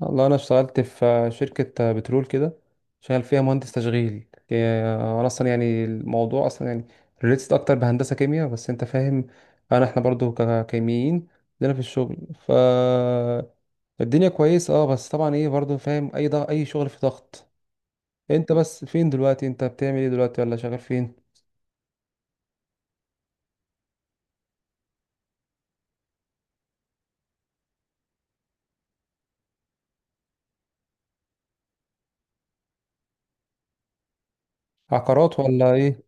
والله انا اشتغلت في شركه بترول كده. شغال فيها مهندس تشغيل. انا اصلا يعني الموضوع اصلا يعني ريليتد اكتر بهندسه كيمياء، بس انت فاهم. احنا برضو ككيميين عندنا في الشغل. ف الدنيا كويس، اه، بس طبعا ايه، برضو فاهم، اي ضغط اي شغل في ضغط. انت بس فين دلوقتي؟ انت بتعمل ايه دلوقتي؟ ولا شغال فين؟ عقارات ولا ايه؟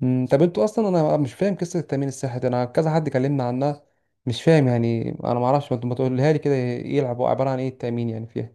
مم، طب انتوا اصلا انا مش فاهم قصه التامين الصحي دي، انا كذا حد كلمنا عنها، مش فاهم يعني، انا ما اعرفش، ما تقولها لي كده يلعبوا، عباره عن ايه التامين يعني فيها؟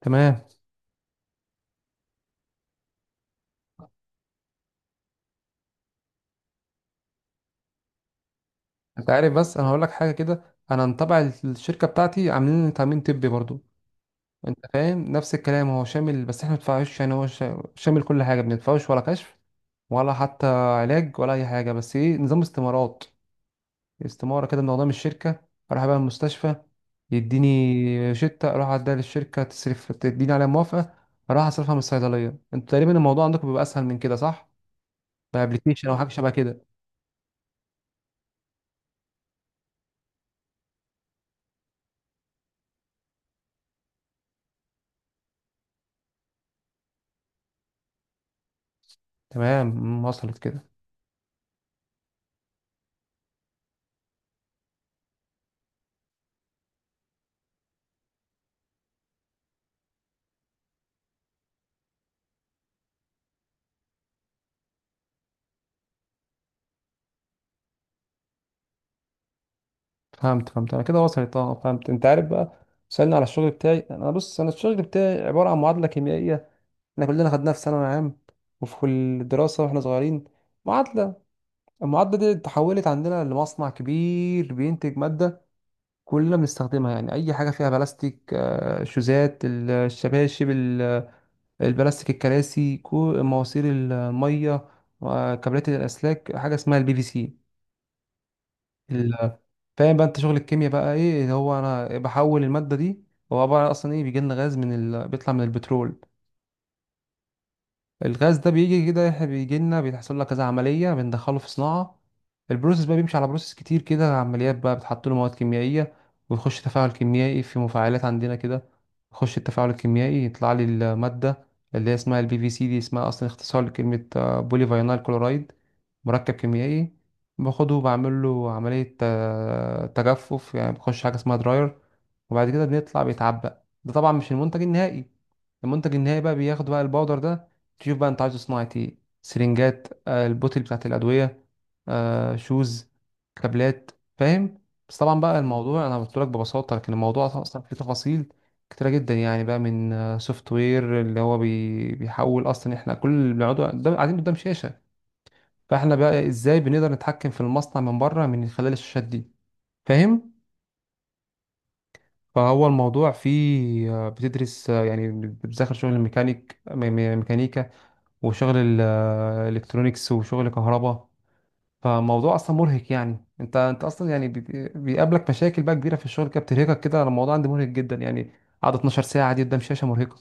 تمام. انت عارف بس انا هقول لك حاجه كده، انا متابع الشركه بتاعتي عاملين تامين طبي برضو، انت فاهم؟ نفس الكلام، هو شامل، بس احنا ما بندفعوش. يعني هو شامل كل حاجه، ما بندفعوش ولا كشف ولا حتى علاج ولا اي حاجه. بس ايه، نظام استمارات. استمارة كده من قضام الشركة، أروح بقى المستشفى، يديني شتة، أروح أديها للشركة تصرف تديني عليها موافقة، أروح أصرفها من الصيدلية. أنتوا تقريبا الموضوع عندكم بيبقى أسهل من كده، صح؟ بأبلكيشن أو حاجة شبه كده. تمام، مم، وصلت كده. فهمت، أنا كده وصلت، أه فهمت. أنت عارف بقى سألني على الشغل بتاعي، أنا بص، أنا الشغل بتاعي عبارة عن معادلة كيميائية. إحنا كلنا خدناها في ثانوي عام وفي كل الدراسة وإحنا صغيرين. معادلة، المعادلة دي اتحولت عندنا لمصنع كبير بينتج مادة كلنا بنستخدمها. يعني اي حاجه فيها بلاستيك، آه، شوزات، الشباشب، البلاستيك، الكراسي، مواسير الميه وكابلات الاسلاك، حاجه اسمها البي في سي. ال- فاهم بقى انت شغل الكيمياء بقى، ايه اللي هو انا بحول الماده دي؟ هو عباره عن اصلا ايه، بيجي لنا غاز من ال... بيطلع من البترول. الغاز ده بيجي كده، إحنا بيجي لنا بيحصل لك كذا عملية بندخله في صناعة. البروسيس بقى بيمشي على بروسيس كتير كده، عمليات بقى، بتحط له مواد كيميائية ويخش تفاعل كيميائي في مفاعلات عندنا كده. يخش التفاعل الكيميائي، يطلع لي المادة اللي هي اسمها البي في سي دي، اسمها أصلا اختصار لكلمة بولي فاينال كلورايد، مركب كيميائي. باخده وبعمل له عملية، آه، تجفف، يعني بخش حاجة اسمها دراير، وبعد كده بيطلع بيتعبق. ده طبعا مش المنتج النهائي. المنتج النهائي بقى بياخد بقى الباودر ده، تشوف بقى انت عايزه صناعة ايه، سرنجات، آه، البوتل بتاعت الأدوية، آه، شوز، كابلات، فاهم. بس طبعا بقى الموضوع انا قلت لك ببساطة، لكن الموضوع اصلا فيه تفاصيل كتيرة جدا. يعني بقى من سوفت وير اللي هو بيحول اصلا، احنا كل اللي قاعدين قدام شاشة، فاحنا بقى ازاي بنقدر نتحكم في المصنع من بره من خلال الشاشات دي، فاهم؟ فهو الموضوع فيه، آه، بتدرس، آه، يعني بتذاكر شغل الميكانيك، ميكانيكا، وشغل الالكترونيكس وشغل كهرباء. فالموضوع اصلا مرهق يعني. انت اصلا يعني بيقابلك مشاكل بقى كبيره في الشغل كده بترهقك كده. انا الموضوع عندي مرهق جدا يعني، قعد 12 ساعه دي قدام شاشه مرهقه.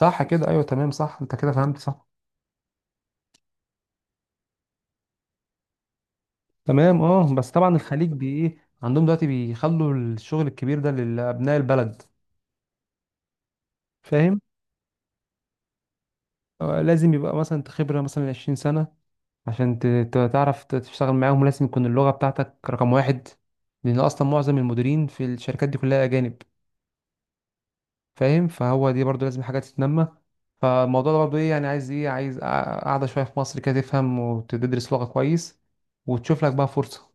صح كده، ايوه تمام، صح، انت كده فهمت صح. تمام، اه، بس طبعا الخليج بي ايه، عندهم دلوقتي بيخلوا الشغل الكبير ده لابناء البلد، فاهم؟ آه، لازم يبقى مثلا انت خبره مثلا 20 سنه عشان تعرف تشتغل معاهم. لازم يكون اللغة بتاعتك رقم واحد، لأن أصلا معظم المديرين في الشركات دي كلها أجانب، فاهم؟ فهو دي برضو لازم حاجة تتنمى. فالموضوع ده برضو إيه، يعني عايز إيه، عايز قعدة شوية في مصر كده، تفهم وتدرس لغة كويس وتشوف لك بقى فرصة.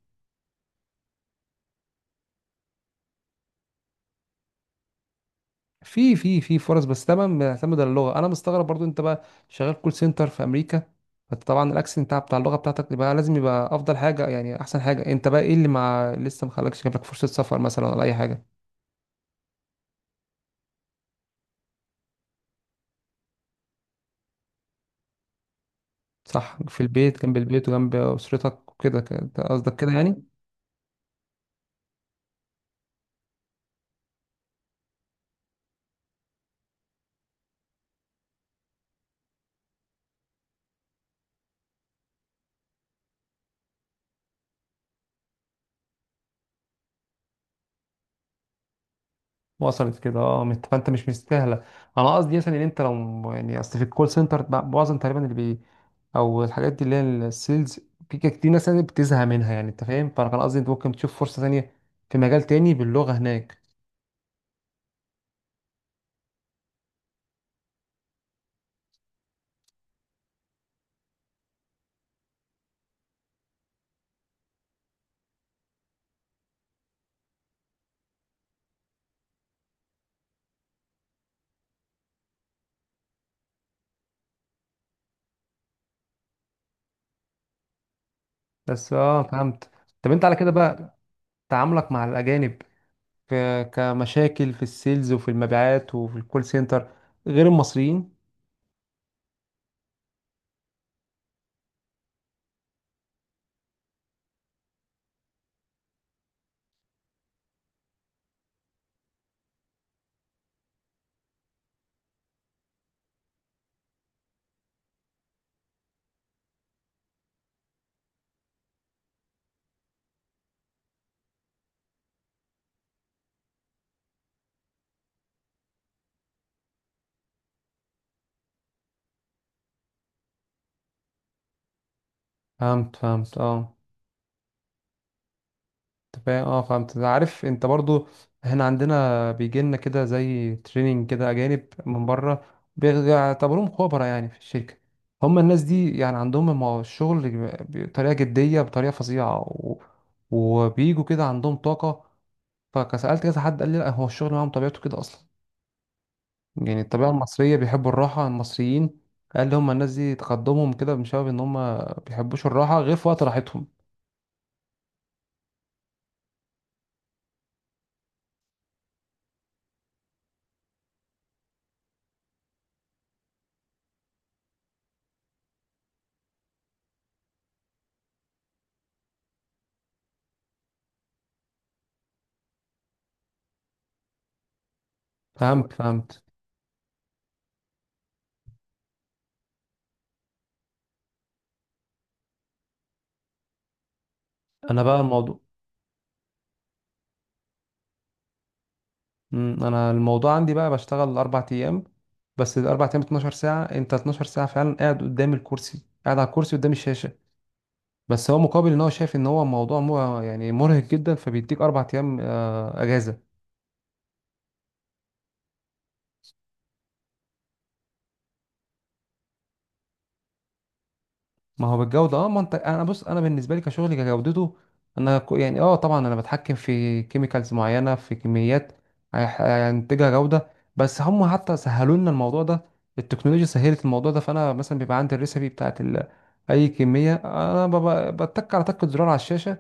في فرص، بس طبعا بيعتمد على اللغة. أنا مستغرب برضو أنت بقى شغال كول سنتر في أمريكا، فأنت طبعا الأكسنت بتاع اللغة بتاعتك يبقى لازم يبقى أفضل حاجة، يعني أحسن حاجة. أنت بقى إيه اللي مع لسه مخلكش جاب لك فرصة سفر مثلا ولا أي حاجة؟ صح، في البيت جنب البيت وجنب اسرتك وكده، كده أنت قصدك كده يعني؟ وصلت كده، اه. فانت مش مستاهله. انا قصدي مثلا ان انت لو يعني، اصل في الكول سنتر معظم تقريبا اللي او الحاجات دي اللي هي السيلز، في كده كتير ناس يعني بتزهق منها، يعني انت فاهم. فانا كان قصدي انت ممكن تشوف فرصه ثانيه في مجال تاني باللغه هناك. بس اه فهمت. طب انت على كده بقى، تعاملك مع الاجانب كمشاكل في السيلز وفي المبيعات وفي الكول سنتر غير المصريين؟ فهمت فهمت اه. انت فاهم، اه، فانت عارف انت برضو، احنا عندنا بيجي لنا كده زي تريننج كده، اجانب من بره، بيعتبروهم خبراء يعني في الشركه. هم الناس دي يعني عندهم الشغل بطريقه جديه، بطريقه فظيعه، و... وبيجوا كده عندهم طاقه. فسالت كذا حد، قال لي لا، هو الشغل معاهم طبيعته كده اصلا، يعني الطبيعه المصريه بيحبوا الراحه، المصريين. قال لي هم الناس دي تقدمهم كده بسبب ان هم بيحبوش الراحه غير في وقت راحتهم. فهمت فهمت. انا بقى الموضوع، مم، انا الموضوع عندي بقى بشتغل 4 ايام، بس ال4 ايام 12 ساعه، انت 12 ساعه فعلا قاعد قدام الكرسي، قاعد على الكرسي قدام الشاشه، بس هو مقابل ان هو شايف ان هو موضوع مو يعني مرهق جدا، فبيديك 4 ايام، آه، اجازه. ما هو بالجودة، اه. ما انت انا بص، انا بالنسبة لي كشغلي كجودته، انا يعني اه، طبعا انا بتحكم في كيميكالز معينة في كميات هينتجها جودة. بس هم حتى سهلوا لنا الموضوع ده، التكنولوجيا سهلت الموضوع ده. فانا مثلا بيبقى عندي الريسبي بتاعت ال... اي كمية انا بتك على تكة زرار على الشاشة،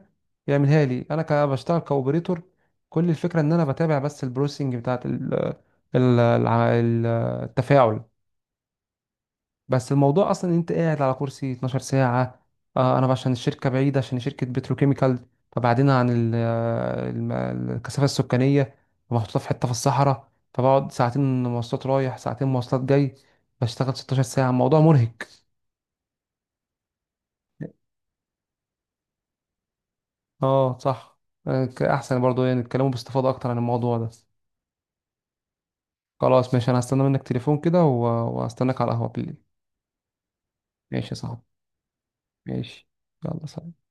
يعملها لي. انا بشتغل كاوبريتور، كل الفكرة ان انا بتابع بس البروسينج بتاعت ال... ال... التفاعل. بس الموضوع اصلا ان انت قاعد على كرسي 12 ساعه. آه، انا عشان الشركه بعيده، عشان شركه بتروكيميكال، فبعدين عن آه، الكثافه السكانيه، ومحطوطه في حته في الصحراء. فبقعد 2 ساعة مواصلات رايح 2 ساعة مواصلات جاي، بشتغل 16 ساعه، الموضوع مرهق. اه صح. آه، احسن برضو يعني نتكلموا باستفاضه اكتر عن الموضوع ده. خلاص ماشي، انا هستنى منك تليفون كده، وهستناك على القهوه بالليل. ماشي يا صاحبي، ماشي، يلا سلام.